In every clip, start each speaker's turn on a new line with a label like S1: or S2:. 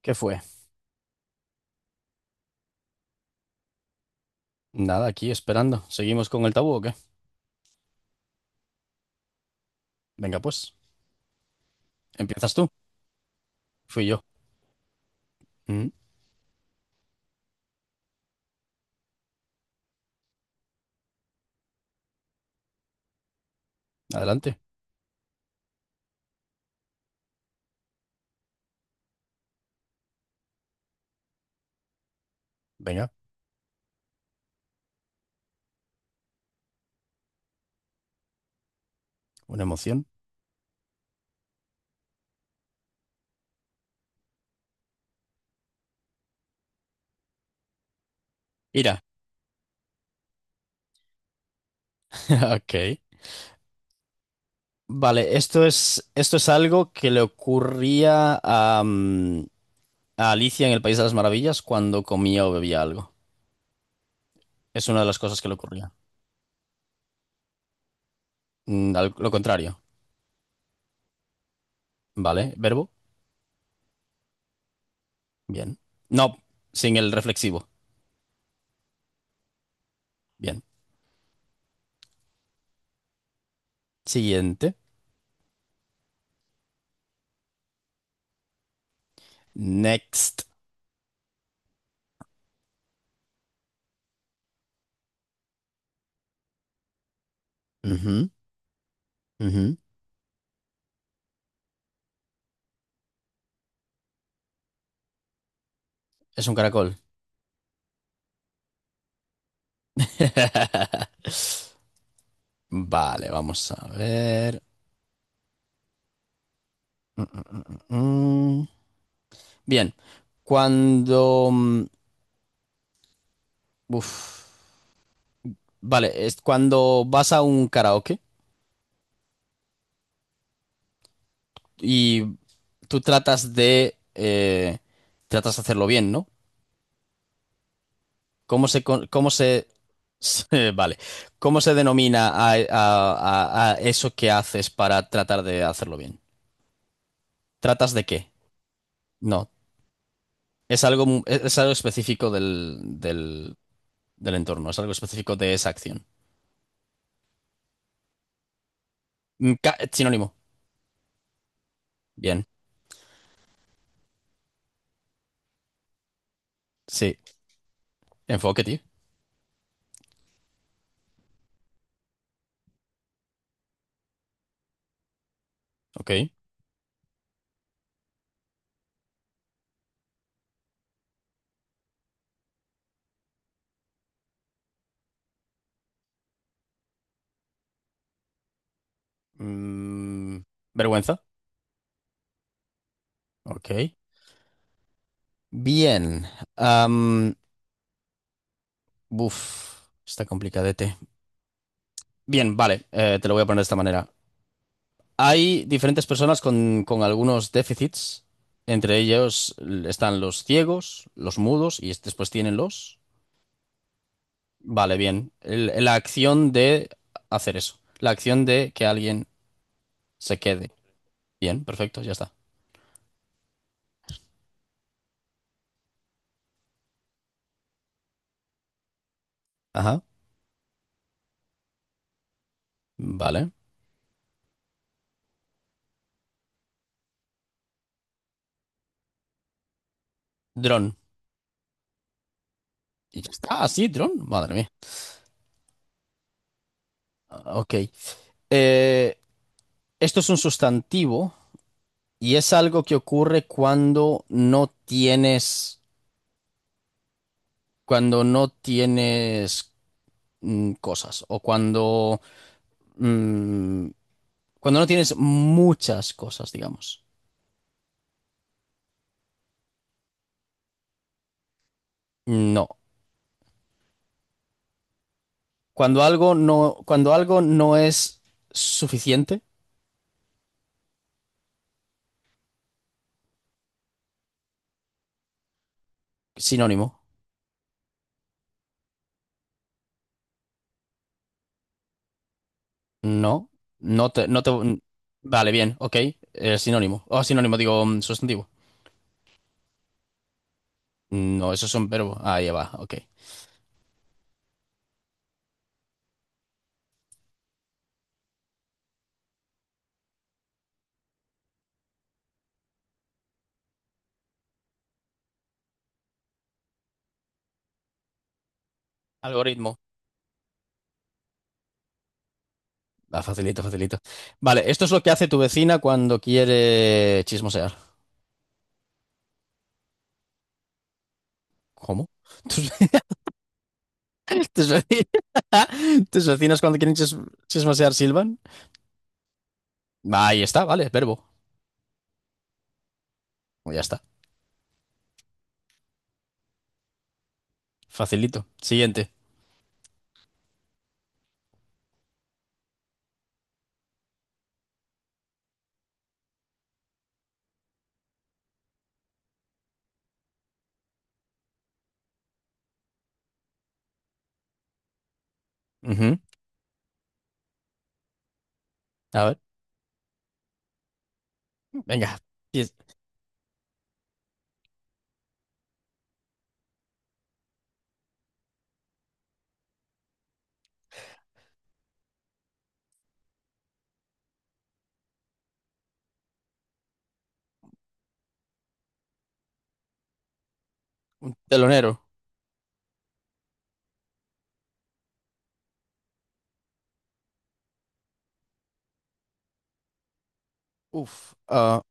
S1: ¿Qué fue? Nada, aquí esperando. ¿Seguimos con el tabú o qué? Venga, pues, empiezas tú. Fui yo. Mm, adelante. Venga, una emoción. Ira. Ok. Vale, esto es algo que le ocurría a, a Alicia en el País de las Maravillas cuando comía o bebía algo. Es una de las cosas que le ocurría. Al- lo contrario. Vale, verbo. Bien. No, sin el reflexivo. Bien. Siguiente. Next. Ujú, ujú. Es un caracol. Vale, vamos a ver. Mm, mm, mm, mm. Bien, cuando... mm, uf. Vale, es cuando vas a un karaoke y tú tratas de tratas de hacerlo bien, ¿no? ¿Cómo se... con- cómo se... Vale, ¿cómo se denomina a eso que haces para tratar de hacerlo bien? ¿Tratas de qué? No, es algo, mu- es algo específico del entorno, es algo específico de esa acción. Ca- sinónimo. Bien. Sí. Enfoque, tío. Ok. Mm, vergüenza. Ok. Bien. Am, buf, está complicadete. Bien, vale. Eh, te lo voy a poner de esta manera. Hay diferentes personas con algunos déficits. Entre ellos l- están los ciegos, los mudos y es- después tienen los... Vale, bien. El- la acción de hacer eso. La acción de que alguien se quede. Bien, perfecto, ya está. Ajá, vale. Dron. Y ya está, así, dron. Madre mía. Ah, Ok. Eh, esto es un sustantivo y es algo que ocurre cuando no tienes cosas o mm, cuando no tienes muchas cosas, digamos. No. Cuando algo no, cuando algo no es suficiente, sinónimo. No, no te, no te. Vale, bien, ok. Sinónimo. Oh, sinónimo, digo sustantivo. No, esos son verbos. Ahí va, ok. Algoritmo. Ah, facilito, facilito. Vale, esto es lo que hace tu vecina cuando quiere chismosear. ¿Cómo? ¿Tus, tus veci- tus vecinas cuando quieren chis- chismosear silban? Ahí está, vale, verbo. Ya está. Facilito. Siguiente. Ujú. A ver, venga. Pies- Telonero. Uf. Ah,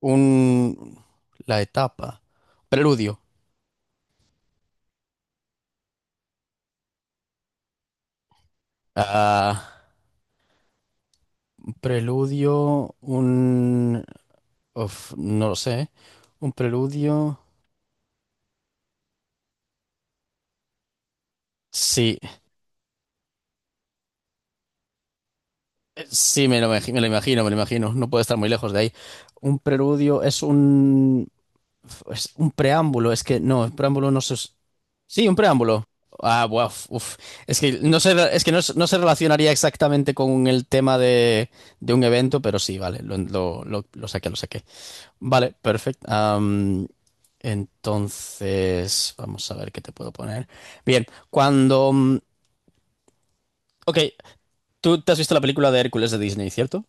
S1: un... La etapa. Preludio. Ah, un preludio, un... uf, no lo sé. Un preludio... Sí, sí, me lo imagino, me lo imagino. No puede estar muy lejos de ahí. Un preludio es un... Es un preámbulo, es que no, el preámbulo no se... Sí, un preámbulo. Ah, buah, uf, uf. Es que no se, es que no, se no se relacionaría exactamente con el tema de un evento, pero sí, vale, lo saqué, lo saqué. Vale, perfecto. Am, entonces, vamos a ver qué te puedo poner. Bien, Ok, tú te has visto la película de Hércules de Disney, ¿cierto?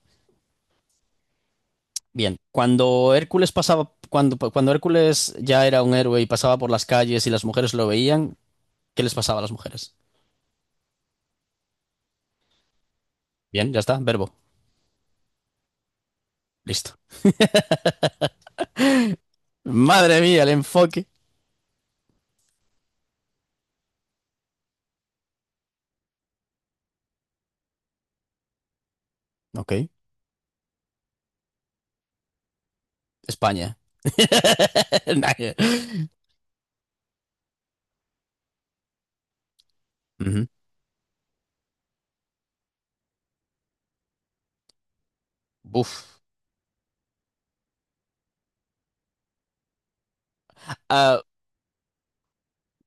S1: Bien, cuando Hércules pasaba, cuando Hércules ya era un héroe y pasaba por las calles y las mujeres lo veían, ¿qué les pasaba a las mujeres? Bien, ya está, verbo, listo. Madre mía, el enfoque. Ok, España. Nadie. Ujú. Buf. Ah,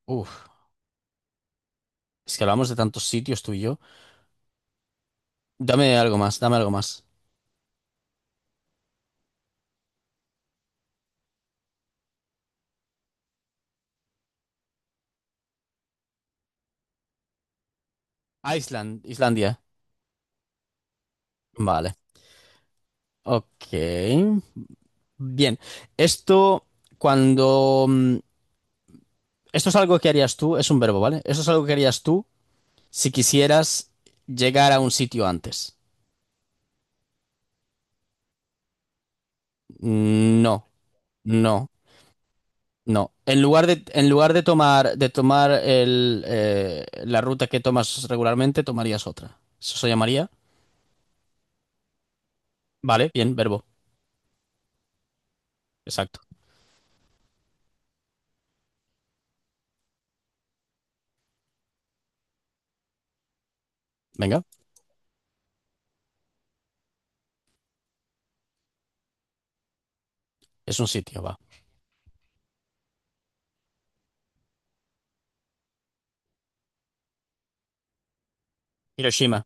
S1: uf. Es que hablamos de tantos sitios tú y yo. Dame algo más, dame algo más. Ah, Island, Islandia. Vale. Ok. Bien. Esto, cuando... mm, esto es algo que harías tú, es un verbo, ¿vale? Esto es algo que harías tú si quisieras llegar a un sitio antes. No, no, no. En lugar de tomar el, la ruta que tomas regularmente, tomarías otra. Eso se llamaría. Vale, bien, verbo. Exacto. Venga, es un sitio, va. Hiroshima,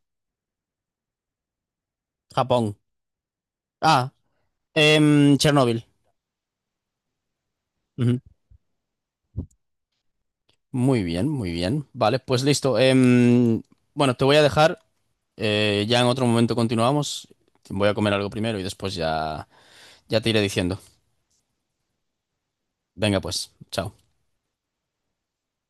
S1: Japón. Ah, em, Chernobyl. Ujú. Muy bien, muy bien. Vale, pues listo. Em, bueno, te voy a dejar. Eh, ya en otro momento continuamos. Voy a comer algo primero y después ya, ya te iré diciendo. Venga, pues, chao.